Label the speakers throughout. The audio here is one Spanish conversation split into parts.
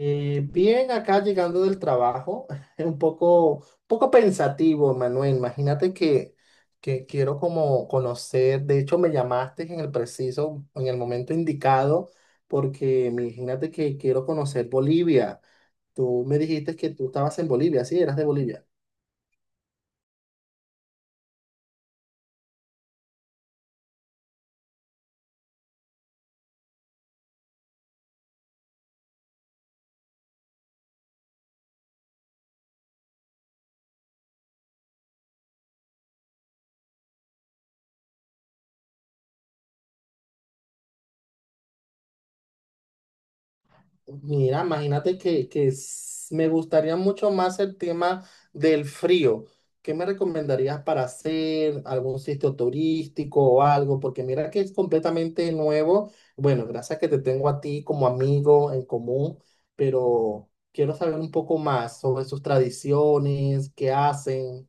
Speaker 1: Bien, acá llegando del trabajo, un poco pensativo, Manuel. Imagínate que quiero como conocer, de hecho me llamaste en en el momento indicado, porque imagínate que quiero conocer Bolivia. Tú me dijiste que tú estabas en Bolivia, sí, eras de Bolivia. Mira, imagínate que me gustaría mucho más el tema del frío. ¿Qué me recomendarías para hacer? ¿Algún sitio turístico o algo? Porque mira que es completamente nuevo. Bueno, gracias que te tengo a ti como amigo en común, pero quiero saber un poco más sobre sus tradiciones, qué hacen.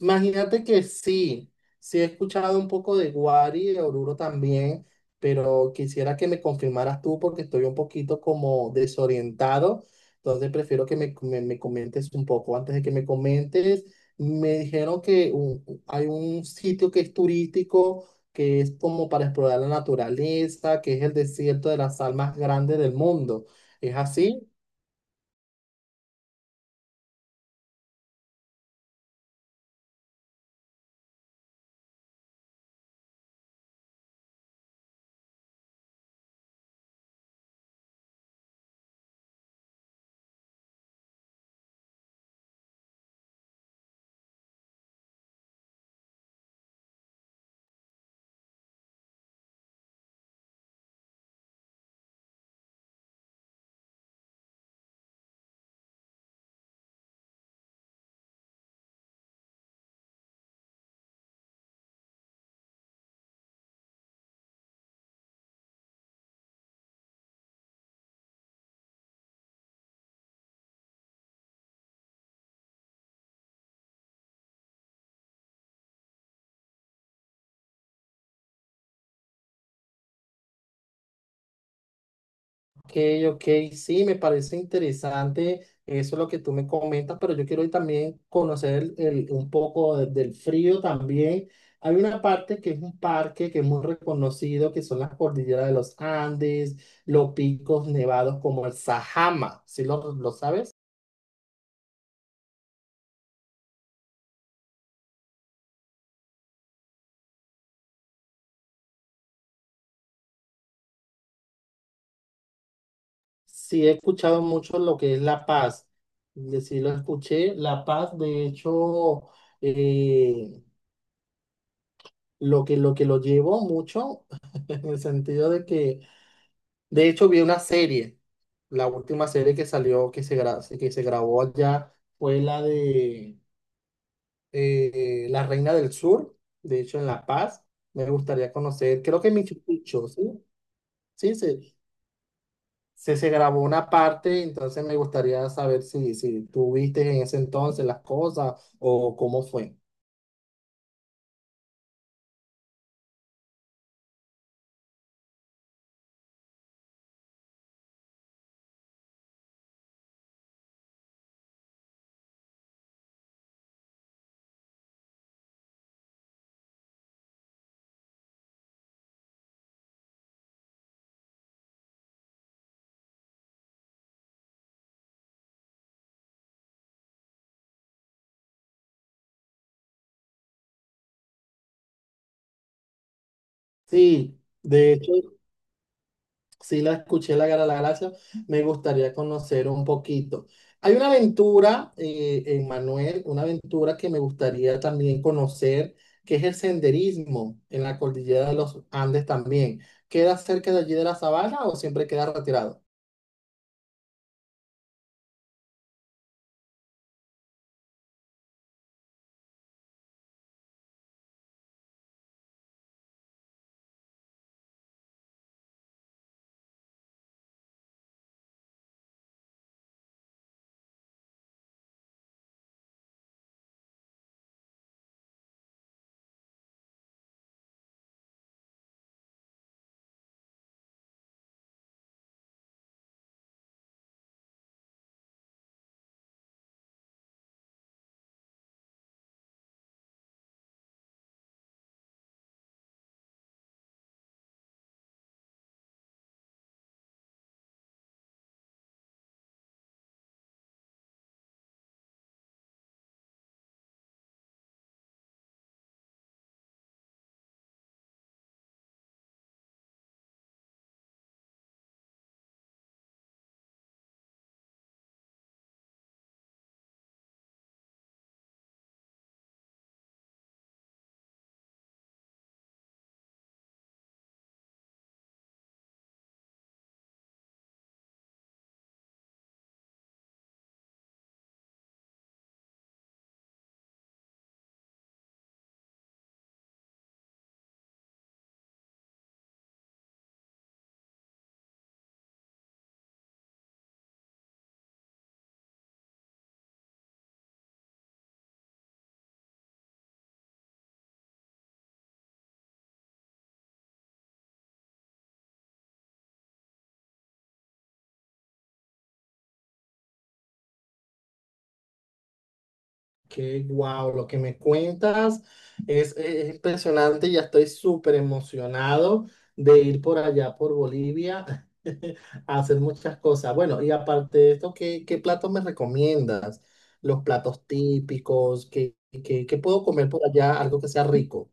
Speaker 1: Imagínate que sí, sí he escuchado un poco de Guari, de Oruro también, pero quisiera que me confirmaras tú porque estoy un poquito como desorientado, entonces prefiero que me comentes un poco. Antes de que me comentes, me dijeron que hay un sitio que es turístico, que es como para explorar la naturaleza, que es el desierto de las sal más grande del mundo. ¿Es así? Ok, ok, sí, me parece interesante eso lo que tú me comentas, pero yo quiero también conocer un poco del frío también. Hay una parte que es un parque que es muy reconocido, que son las cordilleras de los Andes, los picos nevados como el Sajama, ¿sí lo sabes? Sí, he escuchado mucho lo que es La Paz, sí lo escuché, La Paz, de hecho, eh, lo que, lo que lo llevo mucho, en el sentido de que... De hecho, vi una serie, la última serie que salió, que se grabó allá, fue la de La Reina del Sur, de hecho en La Paz. Me gustaría conocer, creo que en Machu Picchu, ¿sí? Sí, se grabó una parte, entonces me gustaría saber si, si tú viste en ese entonces las cosas o cómo fue. Sí, de hecho, sí, la escuché, La Guerra de la Galaxia. Me gustaría conocer un poquito. Hay una aventura, en Manuel, una aventura que me gustaría también conocer, que es el senderismo en la cordillera de los Andes también. ¿Queda cerca de allí de la sabana o siempre queda retirado? Qué guau, lo que me cuentas es impresionante, ya estoy súper emocionado de ir por allá, por Bolivia, a hacer muchas cosas. Bueno, y aparte de esto, ¿qué, qué platos me recomiendas? Los platos típicos, ¿qué, qué, qué puedo comer por allá? Algo que sea rico.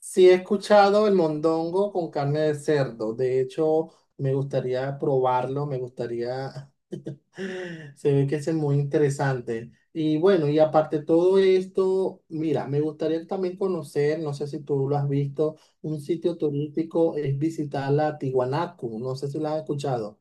Speaker 1: Sí, he escuchado el mondongo con carne de cerdo, de hecho, me gustaría probarlo, me gustaría se ve que es muy interesante. Y bueno, y aparte de todo esto, mira, me gustaría también conocer, no sé si tú lo has visto, un sitio turístico es visitar la Tiwanaku, no sé si lo has escuchado.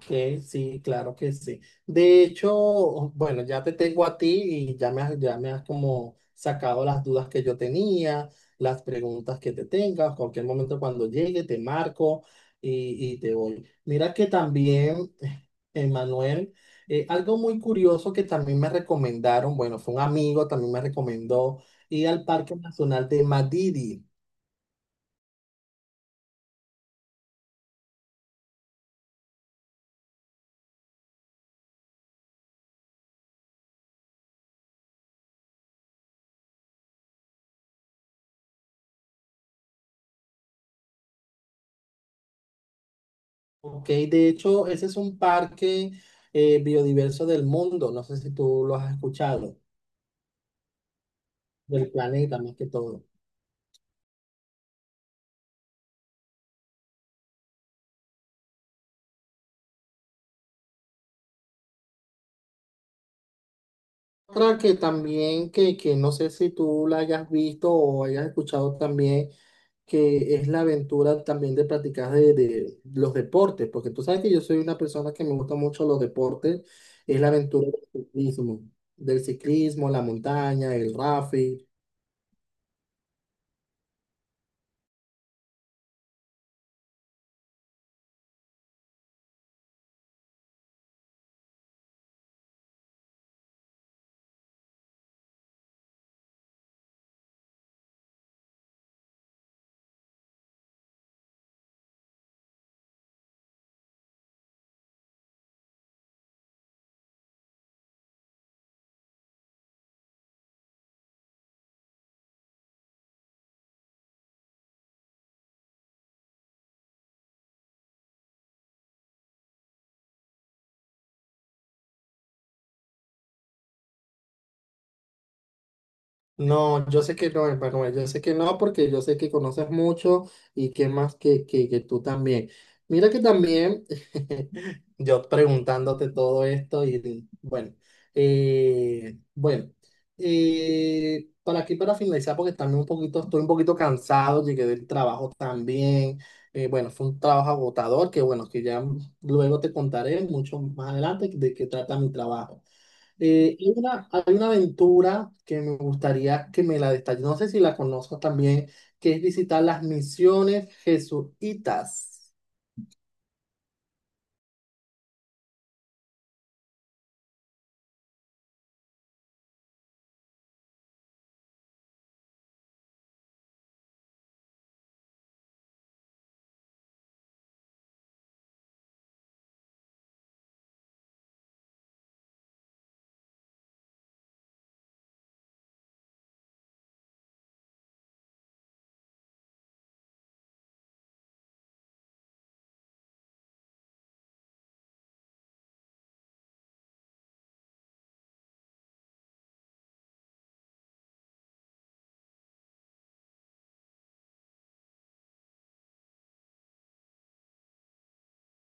Speaker 1: Que sí, claro que sí. De hecho, bueno, ya te tengo a ti y ya me has como sacado las dudas que yo tenía, las preguntas que te tengas. Cualquier momento cuando llegue te marco y te voy. Mira que también, Emanuel, algo muy curioso que también me recomendaron, bueno, fue un amigo, también me recomendó ir al Parque Nacional de Madidi. Ok, de hecho, ese es un parque biodiverso del mundo, no sé si tú lo has escuchado, del planeta más que todo. Otra que también, que no sé si tú la hayas visto o hayas escuchado también, que es la aventura también de practicar de los deportes, porque tú sabes que yo soy una persona que me gusta mucho los deportes, es la aventura del ciclismo, la montaña, el rafting. No, yo sé que no, Emanuel, yo sé que no, porque yo sé que conoces mucho y que más que tú también. Mira que también, yo preguntándote todo esto y bueno, eh, bueno, para aquí para finalizar, porque también un poquito, estoy un poquito cansado, llegué del trabajo también, bueno, fue un trabajo agotador que bueno, que ya luego te contaré mucho más adelante de qué trata mi trabajo. Hay una aventura que me gustaría que me la detalles. No sé si la conozco también, que es visitar las misiones jesuitas.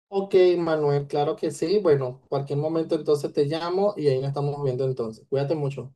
Speaker 1: Ok, Manuel, claro que sí. Bueno, cualquier momento entonces te llamo y ahí nos estamos viendo entonces. Cuídate mucho.